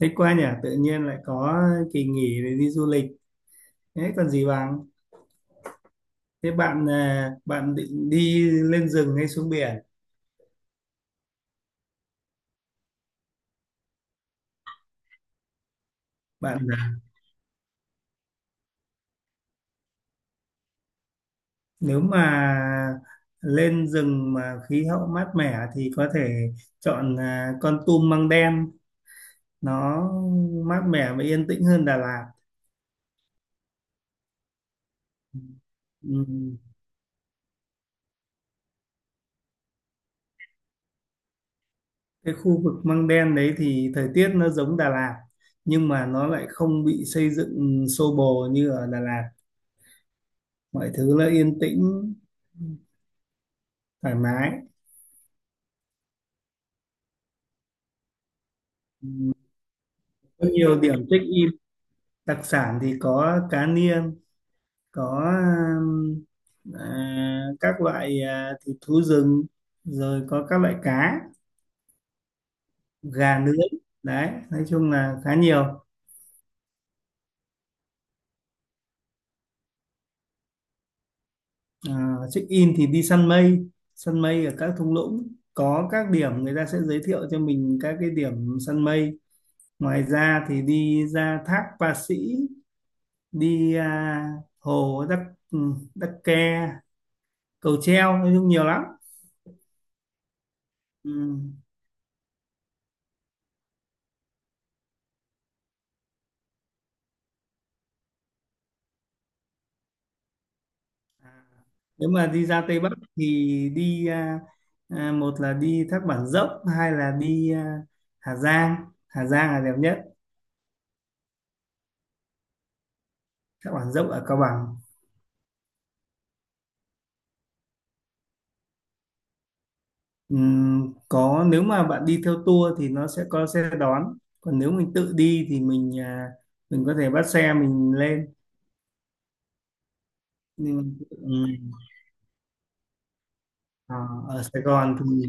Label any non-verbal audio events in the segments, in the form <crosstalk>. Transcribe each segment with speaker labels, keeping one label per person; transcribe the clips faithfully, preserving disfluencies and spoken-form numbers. Speaker 1: Thích quá nhỉ, tự nhiên lại có kỳ nghỉ để đi du lịch. Thế còn gì bằng? Thế bạn à, bạn định đi lên rừng hay xuống biển? Bạn à, nếu mà lên rừng mà khí hậu mát mẻ thì có thể chọn à, Kon Tum Măng Đen, nó mát mẻ và yên tĩnh hơn Đà Lạt. Ừm, Cái khu vực Măng Đen đấy thì thời tiết nó giống Đà Lạt, nhưng mà nó lại không bị xây dựng xô bồ như ở Đà Lạt. Mọi thứ là yên tĩnh, thoải mái, có nhiều điểm thích. Đặc sản thì có cá niên, có um, à, các loại, à, thịt thú rừng, rồi có các loại cá, gà nướng đấy, nói chung là khá nhiều. À, check in thì đi săn mây, săn mây ở các thung lũng, có các điểm người ta sẽ giới thiệu cho mình các cái điểm săn mây. Ngoài ra thì đi ra thác Pa Sĩ, đi à, hồ Đắc Đắc Ke, cầu treo, nói chung nhiều lắm. Ừ. À, nếu mà đi ra Tây Bắc thì đi à, à, một là đi Thác Bản Dốc, hai là đi à, Hà Giang. Hà Giang là đẹp nhất. Thác Bản Dốc ở Cao Bằng. Ừm, có, nếu mà bạn đi theo tour thì nó sẽ có xe đón, còn nếu mình tự đi thì mình à, mình có thể bắt xe mình lên. Nhưng ừm, ờ, ở Sài Gòn thì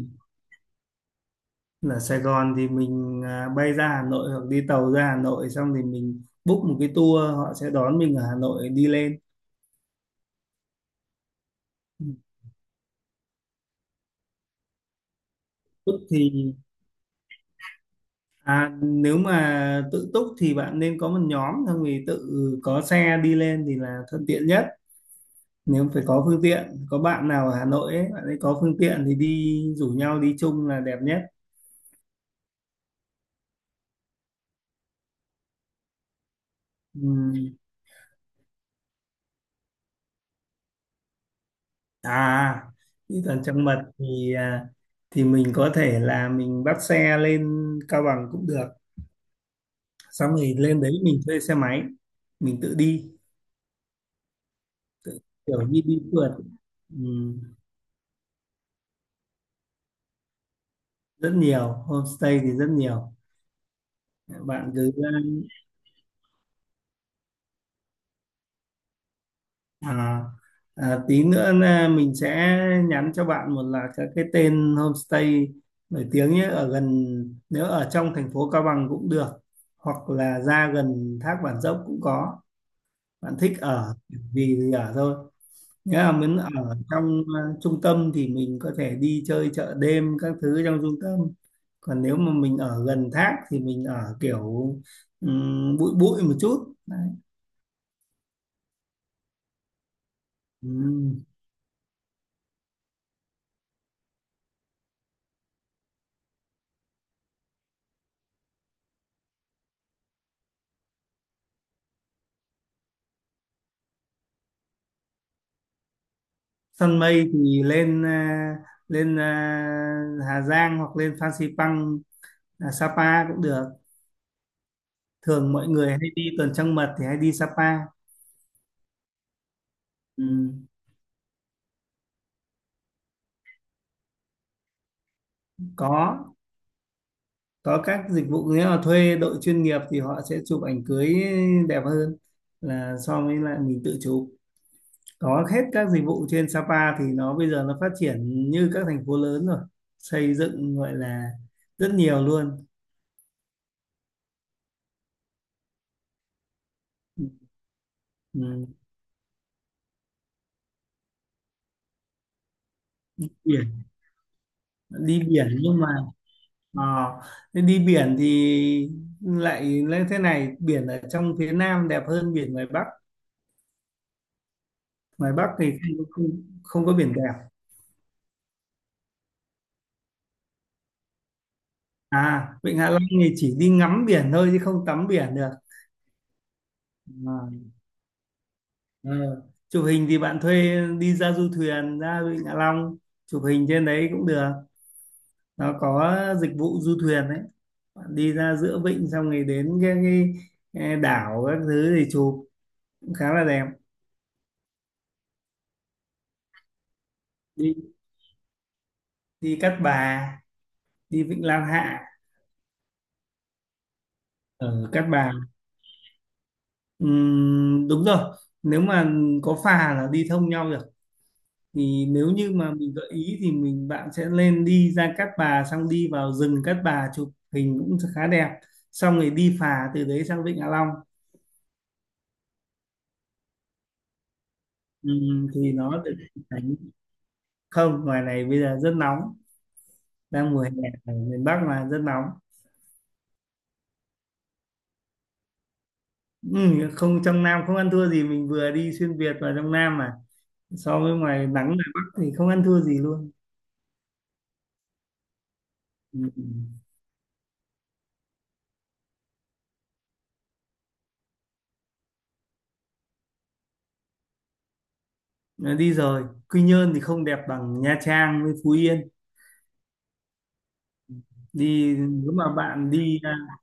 Speaker 1: là Sài Gòn thì mình à, bay ra Hà Nội hoặc đi tàu ra Hà Nội, xong thì mình book một cái tour, họ sẽ đón mình ở Hà Nội đi lên. túc thì à, Nếu mà tự túc thì bạn nên có một nhóm, xong thì tự có xe đi lên thì là thuận tiện nhất. Nếu phải có phương tiện, có bạn nào ở Hà Nội ấy, bạn ấy có phương tiện thì đi rủ nhau đi chung là đẹp nhất. Ừm, à chứ còn trong mật thì à, thì mình có thể là mình bắt xe lên Cao Bằng cũng được, xong rồi lên đấy mình thuê xe máy mình tự đi, kiểu như đi phượt. Ừm, rất nhiều homestay thì rất nhiều. Bạn cứ, à, À, à, tí nữa là mình sẽ nhắn cho bạn, một là các cái tên homestay nổi tiếng nhé, ở gần, nếu ở trong thành phố Cao Bằng cũng được, hoặc là ra gần Thác Bản Dốc cũng có. Bạn thích ở vì thì ở thôi. Nếu mà muốn ở trong ờ, trung tâm thì mình có thể đi chơi chợ đêm các thứ trong trung tâm, còn nếu mà mình ở gần thác thì mình ở kiểu ừm, bụi bụi một chút. Đấy. Ừ. Săn mây thì lên à, lên à, Hà Giang hoặc lên Phan Xipang, à, Sapa cũng được. Thường mọi người hay đi tuần trăng mật thì hay đi Sapa. Ừ. có có các dịch vụ. Nếu mà thuê đội chuyên nghiệp thì họ sẽ chụp ảnh cưới đẹp hơn là so với lại mình tự chụp. Có hết các dịch vụ trên Sapa thì nó bây giờ nó phát triển như các thành phố lớn rồi, xây dựng gọi là rất nhiều luôn. Ừ. biển Đi biển nhưng mà, Ờ, thế đi biển thì lại lên thế này, biển ở trong phía Nam đẹp hơn biển ngoài Bắc. Ngoài Bắc thì không, có- không, không có biển đẹp. à Vịnh Hạ Long thì chỉ đi ngắm biển thôi chứ không tắm biển được. à, ờ. Chụp hình thì bạn thuê đi ra du thuyền ra Vịnh Hạ Long, chụp hình trên đấy cũng được. Nó có dịch vụ du thuyền đấy, bạn đi ra giữa vịnh xong rồi đến cái, cái, cái đảo các thứ thì chụp cũng khá là đẹp. Đi đi Cát Bà, đi Vịnh Lan Hạ ở Cát Bà. Ừm, đúng rồi, nếu mà có phà là đi thông nhau được. Thì nếu như mà mình gợi ý thì mình, bạn sẽ lên đi ra Cát Bà, xong đi vào rừng Cát Bà chụp hình cũng khá đẹp, xong rồi đi phà từ đấy sang Vịnh Hạ Long. Ừm, thì nó được cảnh. Không, ngoài này bây giờ rất nóng, đang mùa hè, ở miền Bắc mà rất nóng. Ừm, không, trong Nam không ăn thua gì, mình vừa đi xuyên Việt vào trong Nam mà so với ngoài nắng ngoài Bắc thì không ăn thua gì luôn. Ừm. Đi rồi, Quy Nhơn thì không đẹp bằng Nha Trang với Phú Yên. Đi nếu mà bạn đi à,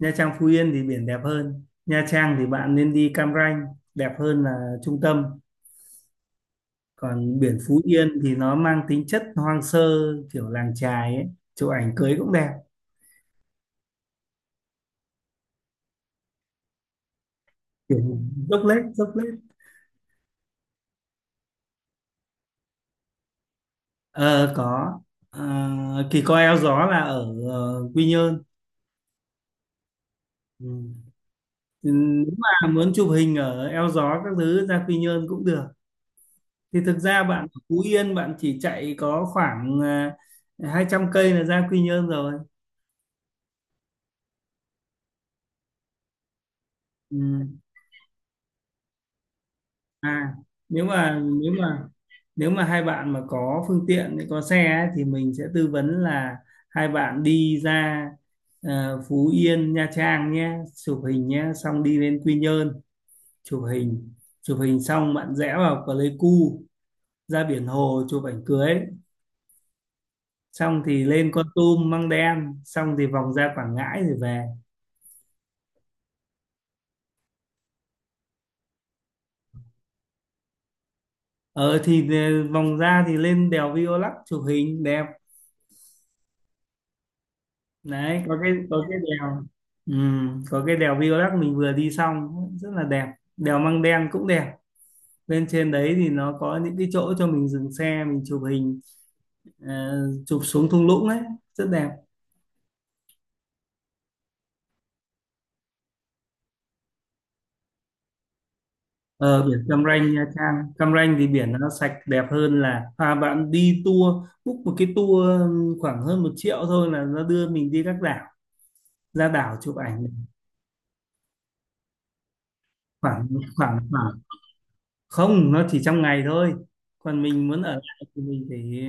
Speaker 1: Nha Trang Phú Yên thì biển đẹp hơn. Nha Trang thì bạn nên đi Cam Ranh, đẹp hơn là trung tâm. Còn biển Phú Yên thì nó mang tính chất hoang sơ, kiểu làng chài ấy, chụp ảnh cưới cũng đẹp. Kiểu dốc lết dốc lết. Ờ có. Ờ, Kỳ coi eo gió là ở ờ, Quy Nhơn. Ừ. Ừ, nếu mà muốn chụp hình ở eo gió các thứ ra Quy Nhơn cũng được. Thì thực ra bạn ở Phú Yên bạn chỉ chạy có khoảng à, hai trăm cây là ra Quy Nhơn rồi. Ừ. à nếu mà nếu mà Nếu mà hai bạn mà có phương tiện, có xe ấy, thì mình sẽ tư vấn là hai bạn đi ra à, Phú Yên Nha Trang nhé, chụp hình nhé, xong đi lên Quy Nhơn chụp hình. Chụp hình xong bạn rẽ vào Pleiku ra biển hồ chụp ảnh cưới, xong thì lên Kon Tum Măng Đen, xong thì vòng ra Quảng Ngãi rồi về. Ờ thì ờ, vòng ra thì lên đèo Violac chụp hình đẹp. Đấy có cái có cái đèo. Ừ, có cái đèo Violac mình vừa đi xong rất là đẹp. Đèo Măng Đen cũng đẹp, lên trên đấy thì nó có những cái chỗ cho mình dừng xe mình chụp hình, ờ, chụp xuống thung lũng ấy, rất đẹp. Ờ, biển Cam Ranh, Nha Trang Cam Ranh thì biển nó sạch đẹp hơn là, à, bạn đi tour, book một cái tour khoảng hơn một triệu thôi là nó đưa mình đi các đảo, ra đảo chụp ảnh. Khoảng khoảng khoảng không, nó chỉ trong ngày thôi. Còn mình muốn ở lại thì mình phải,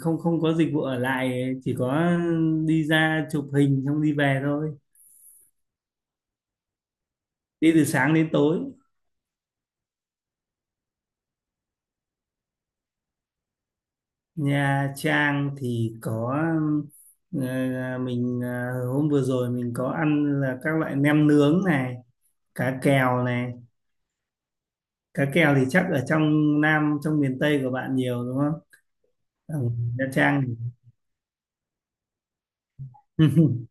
Speaker 1: không không có dịch vụ ở lại, chỉ có đi ra chụp hình xong đi về thôi, đi từ sáng đến tối. Nha Trang thì có ờ, mình ờ, hôm vừa rồi mình có ăn là các loại nem nướng này, cá kèo này. Cá kèo thì chắc ở trong Nam, trong miền Tây của bạn nhiều đúng không? Ở Nha Trang thì-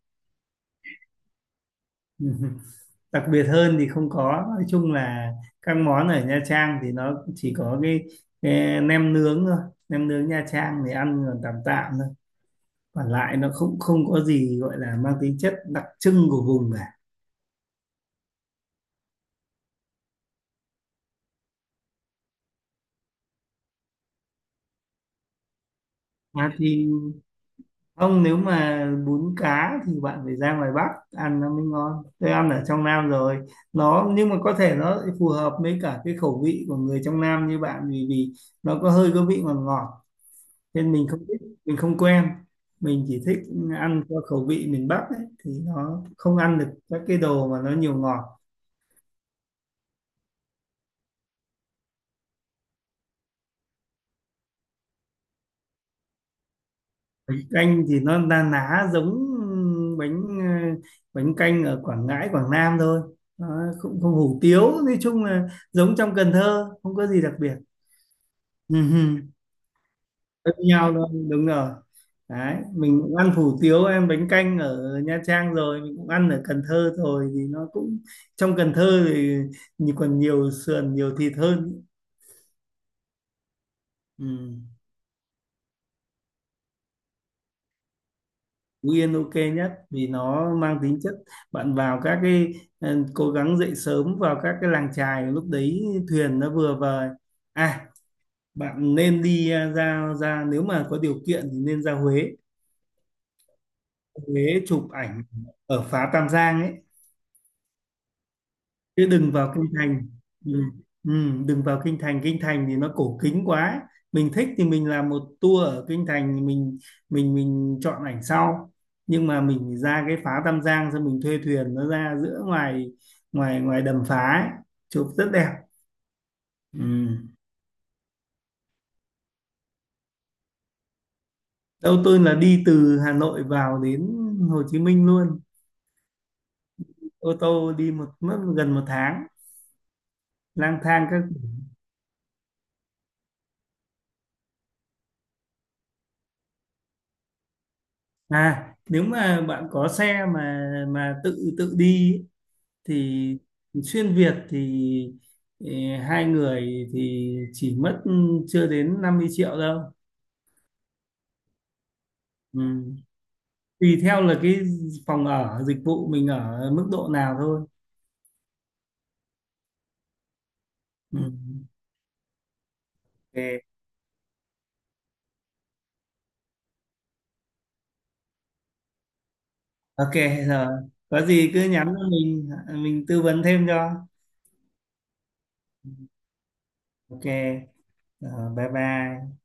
Speaker 1: <laughs> đặc biệt hơn thì không có, nói chung là các món ở Nha Trang thì nó chỉ có cái, cái nem nướng thôi. Nem nướng Nha Trang thì ăn còn tạm tạm thôi, còn lại nó không, không có gì gọi là mang tính chất đặc trưng của vùng cả. À, thì không, nếu mà bún cá thì bạn phải ra ngoài Bắc ăn nó mới ngon, tôi ăn ở trong Nam rồi. Nó, nhưng mà có thể nó phù hợp với cả cái khẩu vị của người trong Nam như bạn, vì vì nó có hơi có vị ngọt ngọt nên mình không thích, mình không quen, mình chỉ thích ăn theo khẩu vị miền Bắc ấy, thì nó không ăn được các cái đồ mà nó nhiều ngọt. Canh thì nó na ná giống bánh, ờ, bánh canh ở Quảng Ngãi Quảng Nam thôi. Nó không không hủ tiếu, nói chung là giống trong Cần Thơ, không có gì đặc biệt. Ừ, tất nhau luôn, đúng rồi. Đấy mình cũng ăn hủ tiếu em bánh canh ở Nha Trang rồi, mình cũng ăn ở Cần Thơ rồi, thì nó cũng, trong Cần Thơ thì nhì- còn nhiều sườn nhiều thịt hơn. Ừ. Phú Yên ok nhất vì nó mang tính chất, bạn vào các cái, ừ, cố gắng dậy sớm vào các cái làng chài lúc đấy thuyền nó vừa vời. À, bạn nên đi à, ra ra nếu mà có điều kiện thì nên ra Huế. Huế chụp ảnh ở phá Tam Giang ấy, chứ đừng vào kinh thành. Ừ. Ừ, đừng vào kinh thành, kinh thành thì nó cổ kính quá, mình thích thì mình làm một tour ở kinh thành, mình mình mình chọn ảnh sau. Nhưng mà mình ra cái phá Tam Giang xong mình thuê thuyền, nó ra giữa ngoài ngoài ngoài đầm phá ấy, chụp rất đẹp. Ừ. Đâu tôi là đi từ Hà Nội vào đến Hồ Chí Minh luôn, ô tô đi một mất gần một tháng lang thang các. À, nếu mà bạn có xe mà mà tự tự đi ấy, thì xuyên Việt thì, ừ, hai người thì chỉ mất chưa đến năm mươi triệu đâu. Ừ. Tùy theo là cái phòng ở, dịch vụ mình ở mức độ nào thôi. Ừ. Ok, ok rồi, có gì cứ nhắn cho mình mình tư vấn thêm cho. Ok rồi, bye bye.